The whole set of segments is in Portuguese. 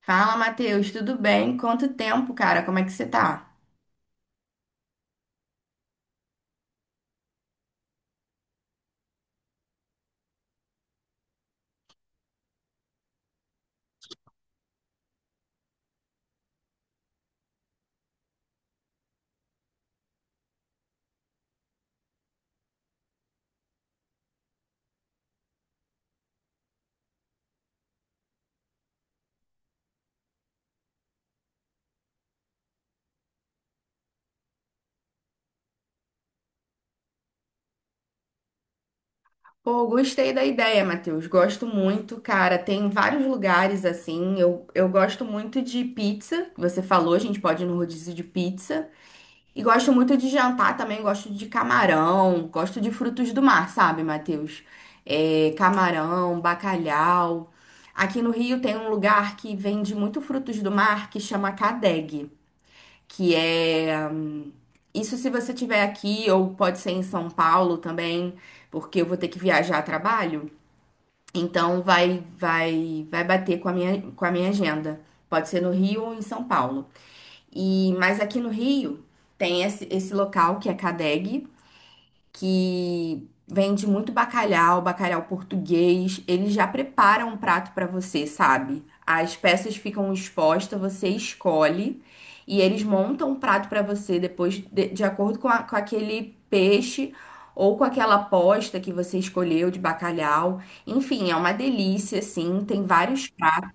Fala, Matheus, tudo bem? Quanto tempo, cara? Como é que você tá? Pô, gostei da ideia, Matheus. Gosto muito, cara. Tem vários lugares assim. Eu gosto muito de pizza. Que Você falou, a gente pode ir no rodízio de pizza. E gosto muito de jantar também. Gosto de camarão. Gosto de frutos do mar, sabe, Matheus? É, camarão, bacalhau. Aqui no Rio tem um lugar que vende muito frutos do mar que chama Cadeg, que é isso, se você tiver aqui, ou pode ser em São Paulo também, porque eu vou ter que viajar a trabalho. Então vai bater com a minha agenda. Pode ser no Rio ou em São Paulo. Mas aqui no Rio tem esse local que é CADEG, que vende muito bacalhau, bacalhau português. Eles já preparam um prato para você, sabe? As peças ficam expostas, você escolhe e eles montam um prato para você depois de acordo com, com aquele peixe ou com aquela posta que você escolheu de bacalhau. Enfim, é uma delícia, assim. Tem vários pratos.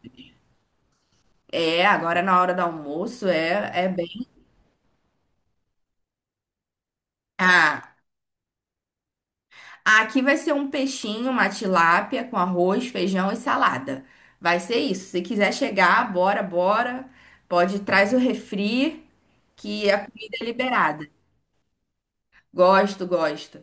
É, agora na hora do almoço é, é bem. Ah, Aqui vai ser um peixinho, uma tilápia com arroz, feijão e salada. Vai ser isso. Se quiser chegar, bora, bora. Pode traz o refri, que a comida é liberada. Gosto, gosto.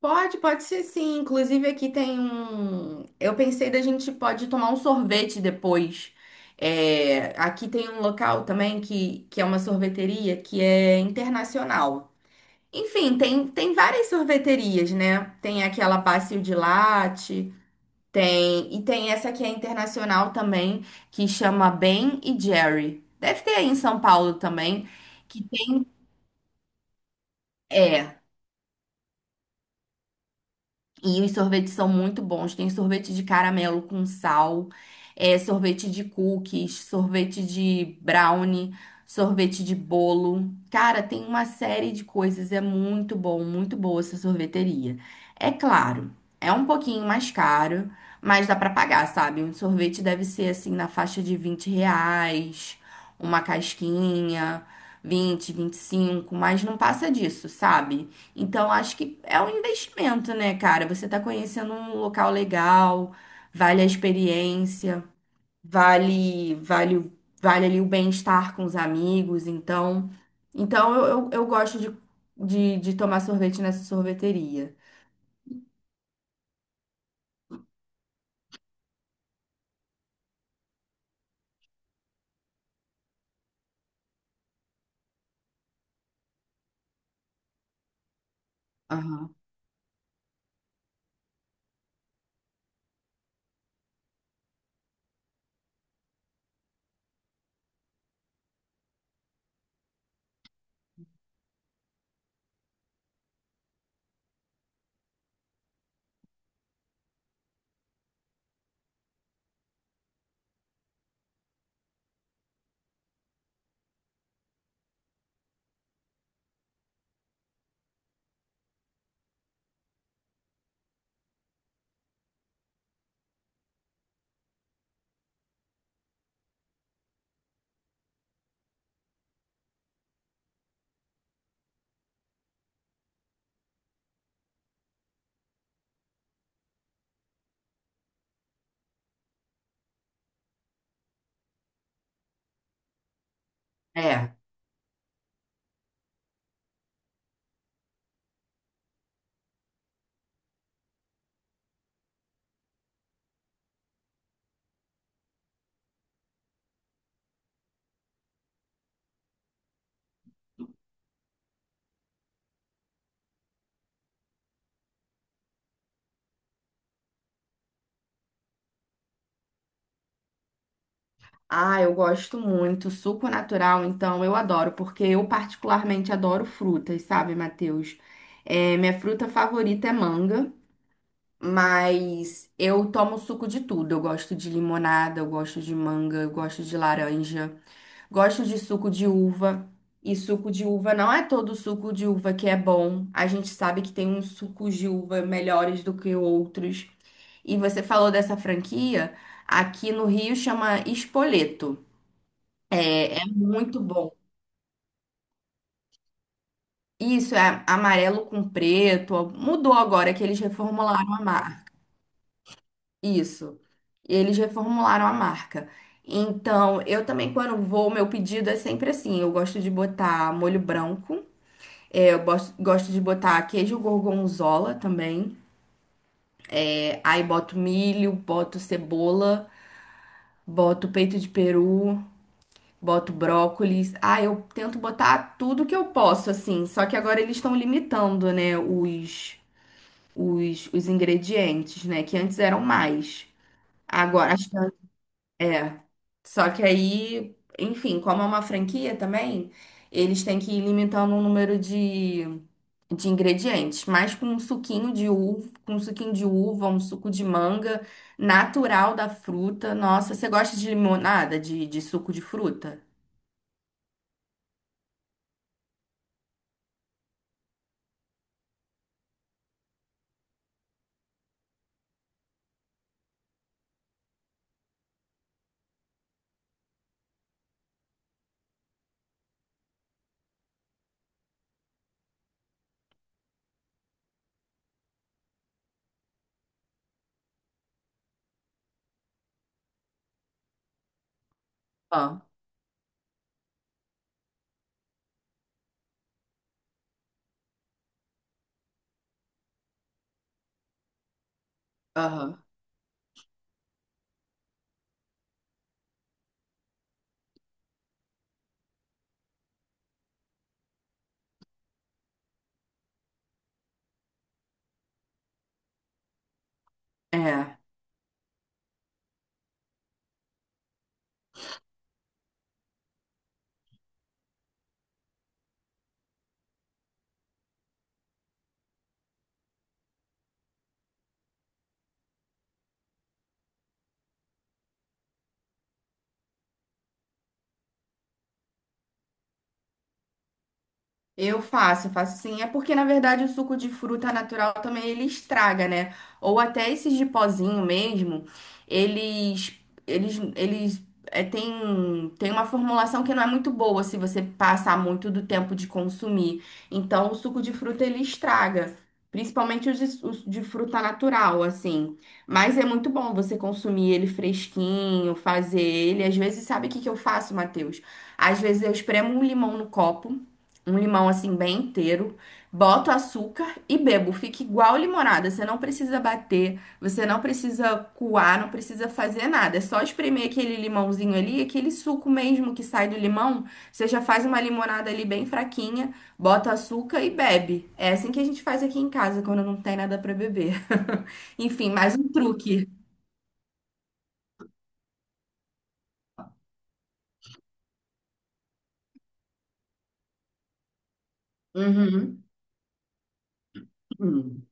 Pode ser sim. Inclusive aqui tem um. Eu pensei da gente pode tomar um sorvete depois. É, aqui tem um local também que é uma sorveteria que é internacional. Enfim, tem várias sorveterias, né? Tem aquela Bacio de Latte, tem essa que é internacional também, que chama Ben e Jerry. Deve ter aí em São Paulo também, que tem, é. E os sorvetes são muito bons. Tem sorvete de caramelo com sal, é, sorvete de cookies, sorvete de brownie, sorvete de bolo. Cara, tem uma série de coisas. É muito bom, muito boa essa sorveteria. É claro, é um pouquinho mais caro, mas dá pra pagar, sabe? Um sorvete deve ser assim na faixa de 20 reais, uma casquinha, vinte vinte e cinco, mas não passa disso, sabe? Então, acho que é um investimento, né, cara? Você tá conhecendo um local legal, vale a experiência, vale, vale, o- vale ali o bem-estar com os amigos. Então, então eu gosto de tomar sorvete nessa sorveteria. Aham. É. Ah, eu gosto muito. Suco natural, então, eu adoro, porque eu particularmente adoro frutas, sabe, Matheus? É, minha fruta favorita é manga. Mas eu tomo suco de tudo. Eu gosto de limonada, eu gosto de manga, eu gosto de laranja, gosto de suco de uva. E suco de uva não é todo suco de uva que é bom. A gente sabe que tem uns sucos de uva melhores do que outros. E você falou dessa franquia, aqui no Rio chama Espoleto. É, é muito bom. Isso é amarelo com preto. Mudou agora que eles reformularam a marca. Isso. Eles reformularam a marca. Então, eu também, quando vou, meu pedido é sempre assim: eu gosto de botar molho branco, é, gosto de botar queijo gorgonzola também. É, aí boto milho, boto cebola, boto peito de peru, boto brócolis. Ah, eu tento botar tudo que eu posso, assim. Só que agora eles estão limitando, né, os ingredientes, né? Que antes eram mais. Agora, acho que é. Só que aí, enfim, como é uma franquia também, eles têm que ir limitando o número de ingredientes, mas com um suquinho de uva, com um suquinho de uva, um suco de manga natural da fruta. Nossa, você gosta de limonada, de suco de fruta? Ah, aham. É. Eu faço sim. É porque, na verdade, o suco de fruta natural também ele estraga, né? Ou até esses de pozinho mesmo, eles, tem, tem uma formulação que não é muito boa se você passar muito do tempo de consumir. Então, o suco de fruta ele estraga. Principalmente os de fruta natural, assim. Mas é muito bom você consumir ele fresquinho, fazer ele. Às vezes, sabe o que que eu faço, Matheus? Às vezes eu espremo um limão no copo, um limão assim bem inteiro, boto açúcar e bebo. Fica igual limonada. Você não precisa bater, você não precisa coar, não precisa fazer nada. É só espremer aquele limãozinho ali, aquele suco mesmo que sai do limão. Você já faz uma limonada ali bem fraquinha, bota açúcar e bebe. É assim que a gente faz aqui em casa quando não tem nada para beber. Enfim, mais um truque. Uhum. Hum.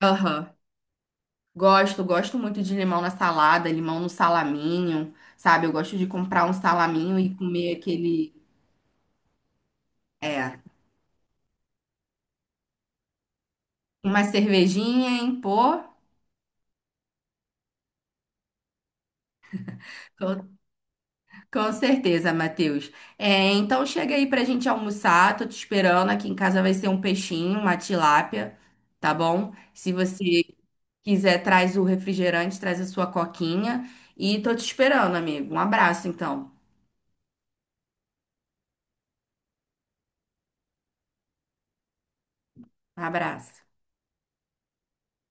Aham. Gosto, gosto muito de limão na salada, limão no salaminho, sabe? Eu gosto de comprar um salaminho e comer aquele, é, uma cervejinha em pô. Com, com certeza, Matheus. É, então chega aí pra gente almoçar, tô te esperando. Aqui em casa vai ser um peixinho, uma tilápia, tá bom? Se você quiser, traz o refrigerante, traz a sua coquinha e tô te esperando, amigo. Um abraço, então. Um abraço.